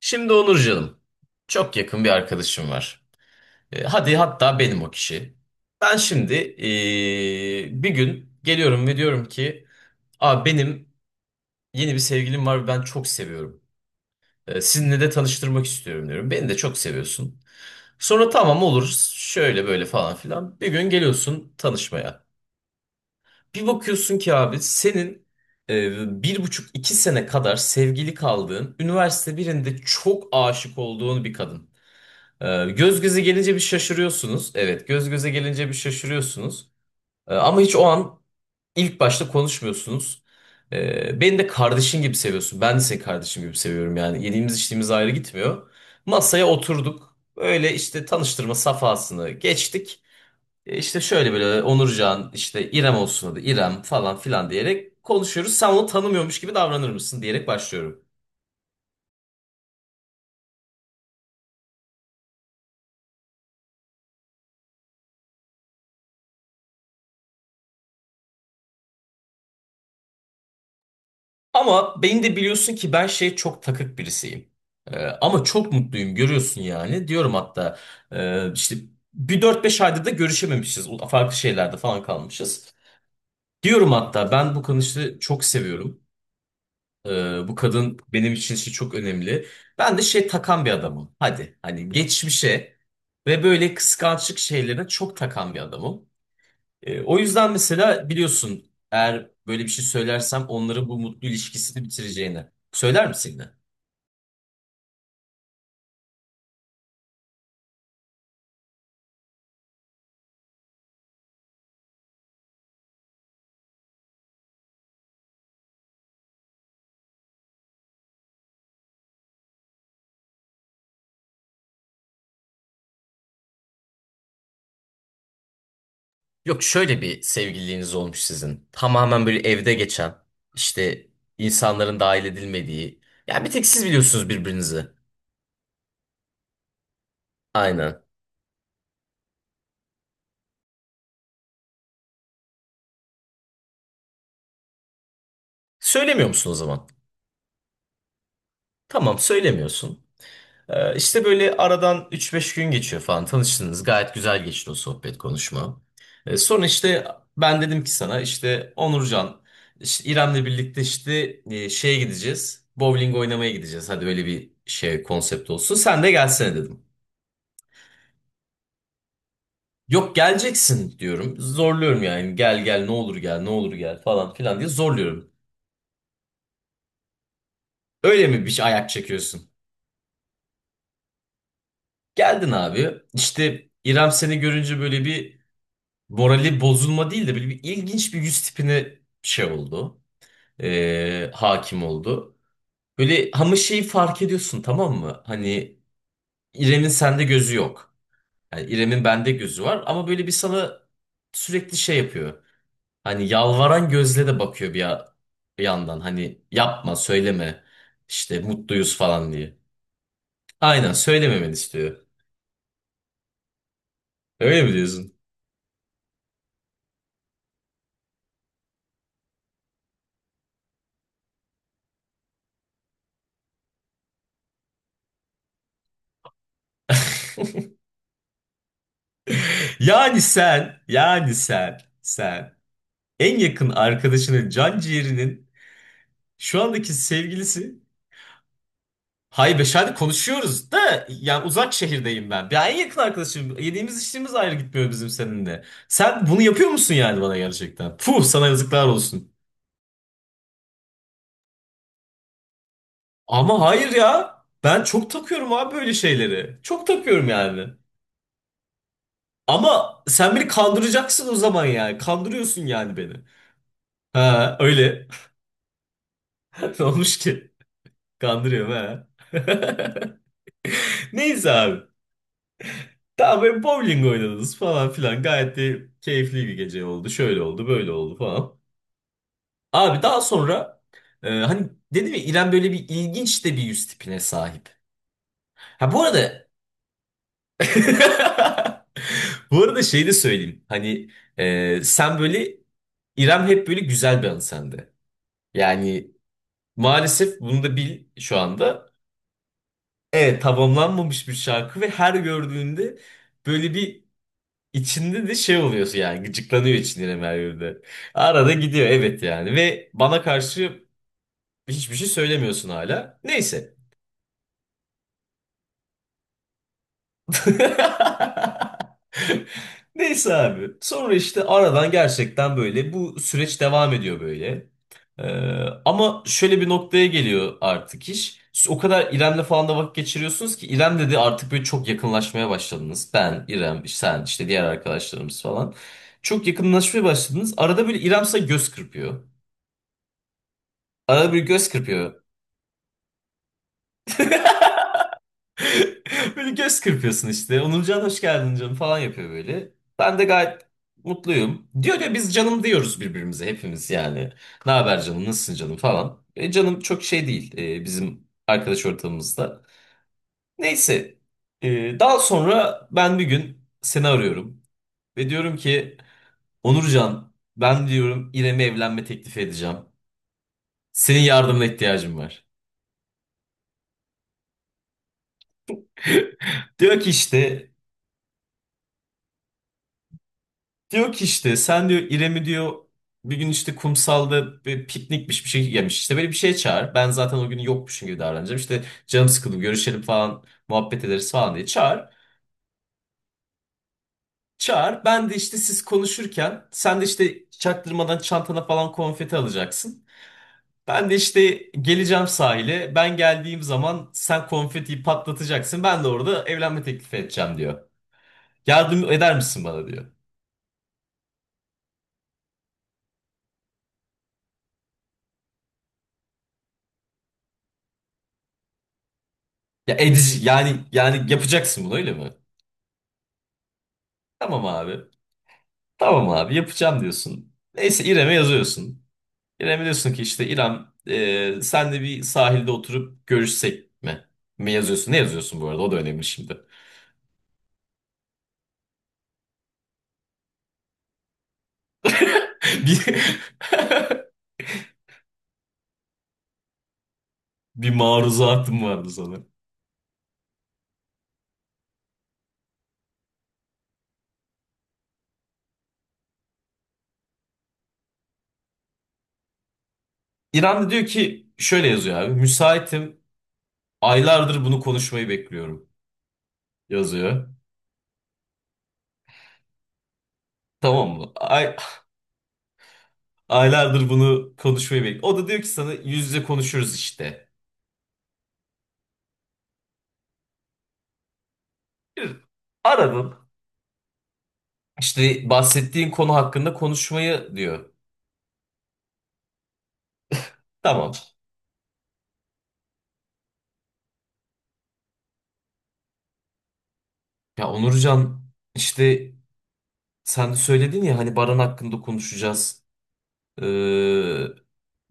Şimdi Onur çok yakın bir arkadaşım var. Hadi hatta benim o kişi. Ben şimdi bir gün geliyorum ve diyorum ki, Aa, benim yeni bir sevgilim var ve ben çok seviyorum. Sizinle de tanıştırmak istiyorum diyorum. Beni de çok seviyorsun. Sonra tamam olur, şöyle böyle falan filan. Bir gün geliyorsun tanışmaya. Bir bakıyorsun ki abi senin bir buçuk iki sene kadar sevgili kaldığın, üniversite birinde çok aşık olduğun bir kadın. Göz göze gelince bir şaşırıyorsunuz. Evet, göz göze gelince bir şaşırıyorsunuz. Ama hiç o an ilk başta konuşmuyorsunuz. Beni de kardeşin gibi seviyorsun. Ben de seni kardeşim gibi seviyorum yani. Yediğimiz içtiğimiz ayrı gitmiyor. Masaya oturduk. Öyle işte tanıştırma safhasını geçtik. İşte şöyle böyle Onurcan, işte İrem olsun adı İrem falan filan diyerek konuşuyoruz. Sen onu tanımıyormuş gibi davranır mısın diyerek başlıyorum. Ama beni de biliyorsun ki ben şey çok takık birisiyim. Ama çok mutluyum görüyorsun yani. Diyorum hatta işte bir dört beş aydır da görüşememişiz. Farklı şeylerde falan kalmışız. Diyorum hatta ben bu kadını çok seviyorum. Bu kadın benim için işte çok önemli. Ben de şey takan bir adamım. Hadi hani geçmişe ve böyle kıskançlık şeylerine çok takan bir adamım. O yüzden mesela biliyorsun eğer böyle bir şey söylersem onların bu mutlu ilişkisini bitireceğini. Söyler misin yine? Yok, şöyle bir sevgililiğiniz olmuş sizin. Tamamen böyle evde geçen, işte insanların dahil edilmediği. Yani bir tek siz biliyorsunuz birbirinizi. Aynen. Söylemiyor musun o zaman? Tamam, söylemiyorsun. İşte böyle aradan üç beş gün geçiyor falan, tanıştınız. Gayet güzel geçti o sohbet konuşma. Sonra işte ben dedim ki sana, işte Onurcan işte İrem'le birlikte işte şeye gideceğiz. Bowling oynamaya gideceğiz. Hadi öyle bir şey konsept olsun. Sen de gelsene dedim. Yok, geleceksin diyorum. Zorluyorum yani. Gel gel ne olur gel ne olur gel falan filan diye zorluyorum. Öyle mi, bir şey ayak çekiyorsun? Geldin abi. İşte İrem seni görünce böyle bir morali bozulma değil de böyle bir ilginç bir yüz tipine şey oldu. Hakim oldu. Böyle ama şeyi fark ediyorsun, tamam mı? Hani İrem'in sende gözü yok. Yani İrem'in bende gözü var ama böyle bir sana sürekli şey yapıyor. Hani yalvaran gözle de bakıyor bir yandan. Hani yapma, söyleme işte mutluyuz falan diye. Aynen, söylememeni istiyor. Öyle mi diyorsun? Yani sen, en yakın arkadaşının can ciğerinin şu andaki sevgilisi. Hayır, Beşer'de konuşuyoruz da yani uzak şehirdeyim ben. Ben en yakın arkadaşım. Yediğimiz içtiğimiz ayrı gitmiyor bizim seninle. Sen bunu yapıyor musun yani bana gerçekten? Puh, sana yazıklar olsun. Ama hayır ya. Ben çok takıyorum abi böyle şeyleri. Çok takıyorum yani. Ama sen beni kandıracaksın o zaman yani. Kandırıyorsun yani beni. Ha, öyle. Ne olmuş ki? Kandırıyorum ha. Neyse abi. Daha böyle bowling oynadınız falan filan. Gayet de keyifli bir gece oldu. Şöyle oldu, böyle oldu falan. Abi daha sonra hani dedim ya İrem böyle bir ilginç de bir yüz tipine sahip. Ha, bu arada, bu arada şey de söyleyeyim. Hani sen böyle, İrem hep böyle güzel bir hanım sende. Yani maalesef bunu da bil şu anda. Evet, tamamlanmamış bir şarkı ve her gördüğünde böyle bir İçinde de şey oluyorsun yani, gıcıklanıyor içinde Merve'de. Arada gidiyor evet yani, ve bana karşı hiçbir şey söylemiyorsun hala. Neyse. Neyse abi. Sonra işte aradan gerçekten böyle bu süreç devam ediyor böyle. Ee, Ama şöyle bir noktaya geliyor artık iş. Siz o kadar İrem'le falan da vakit geçiriyorsunuz ki, İrem dedi, artık böyle çok yakınlaşmaya başladınız. Ben, İrem, sen işte diğer arkadaşlarımız falan. Çok yakınlaşmaya başladınız. Arada böyle İrem size göz kırpıyor. Arada bir göz kırpıyor. Böyle göz kırpıyorsun işte. Onurcan hoş geldin canım falan yapıyor böyle. Ben de gayet mutluyum. Diyor ya, biz canım diyoruz birbirimize hepimiz yani. Ne haber canım, nasılsın canım falan. Canım çok şey değil bizim arkadaş ortamımızda. Neyse, daha sonra ben bir gün seni arıyorum. Ve diyorum ki, Onurcan ben diyorum İrem'e evlenme teklifi edeceğim. Senin yardımına ihtiyacım var. Diyor ki işte Diyor ki işte sen diyor İrem'i diyor bir gün işte kumsalda bir piknikmiş bir şey yemiş. İşte böyle bir şeye çağır. Ben zaten o gün yokmuşum gibi davranacağım. İşte canım sıkıldı görüşelim falan muhabbet ederiz falan diye çağır. Çağır. Ben de işte siz konuşurken sen de işte çaktırmadan çantana falan konfeti alacaksın. Ben de işte geleceğim sahile. Ben geldiğim zaman sen konfetiyi patlatacaksın. Ben de orada evlenme teklifi edeceğim diyor. Yardım eder misin bana diyor. Ya edici yani yapacaksın bunu öyle mi? Tamam abi. Tamam abi yapacağım diyorsun. Neyse, İrem'e yazıyorsun. İrem'e diyorsun ki, işte İrem, sen de bir sahilde oturup görüşsek mi? Mi yazıyorsun? Ne yazıyorsun bu arada? O da önemli şimdi. Bir, bir maruzatım vardı sana. İrem de diyor ki şöyle yazıyor abi. Müsaitim. Aylardır bunu konuşmayı bekliyorum. Yazıyor. Tamam mı? Ay, aylardır bunu konuşmayı bekliyorum. O da diyor ki sana yüz yüze konuşuruz işte. Bir. Aradın. İşte bahsettiğin konu hakkında konuşmayı diyor. Tamam. Ya Onurcan, işte sen de söyledin ya hani Baran hakkında konuşacağız. Ee,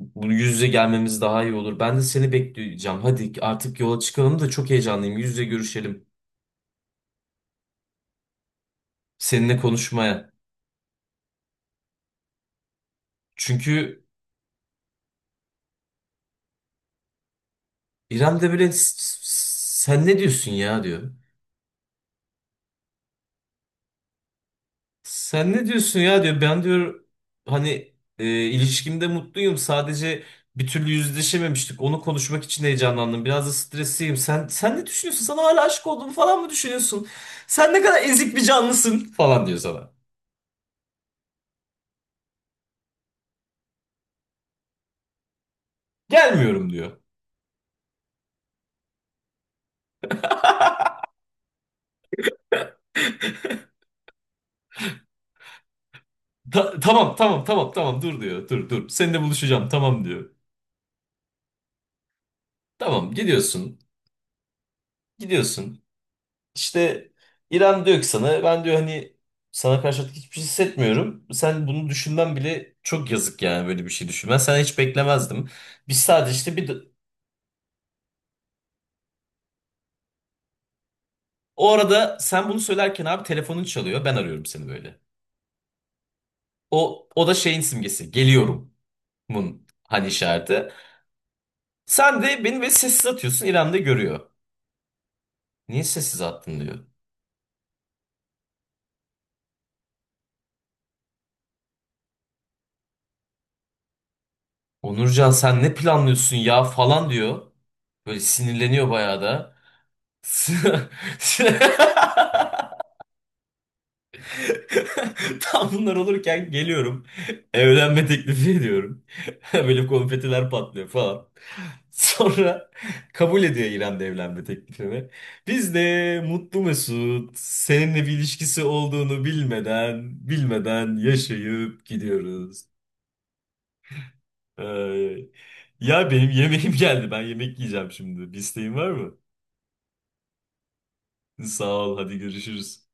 Bu yüz yüze gelmemiz daha iyi olur. Ben de seni bekleyeceğim. Hadi artık yola çıkalım da çok heyecanlıyım. Yüz yüze görüşelim. Seninle konuşmaya. Çünkü İrem de böyle, Sen ne diyorsun ya" diyor. Sen ne diyorsun ya diyor. Ben diyor hani ilişkimde mutluyum. Sadece bir türlü yüzleşememiştik. Onu konuşmak için heyecanlandım. Biraz da stresliyim. Sen ne düşünüyorsun? Sana hala aşık olduğumu falan mı düşünüyorsun? Sen ne kadar ezik bir canlısın falan diyor sana. Gelmiyorum diyor. Tamam tamam tamam tamam dur diyor. Dur dur. Seninle buluşacağım tamam diyor. Tamam, gidiyorsun. Gidiyorsun. İşte İrem diyor ki sana, ben diyor hani sana karşı artık hiçbir şey hissetmiyorum. Sen bunu düşünmen bile çok yazık, yani böyle bir şey düşünmen. Sen, hiç beklemezdim. Biz sadece işte bir, o arada sen bunu söylerken abi telefonun çalıyor. Ben arıyorum seni böyle. O da şeyin simgesi. Geliyorumun hani işareti. Sen de beni böyle sessiz atıyorsun. İrem de görüyor. Niye sessiz attın diyor. Onurcan sen ne planlıyorsun ya falan diyor. Böyle sinirleniyor bayağı da. Tam bunlar olurken geliyorum. Evlenme teklifi ediyorum. Böyle konfetiler patlıyor falan. Sonra kabul ediyor İrem de evlenme teklifimi. Biz de mutlu mesut seninle bir ilişkisi olduğunu bilmeden bilmeden yaşayıp gidiyoruz. Ay. Ya benim yemeğim geldi. Ben yemek yiyeceğim şimdi. Bir isteğin var mı? Sağ ol. Hadi görüşürüz.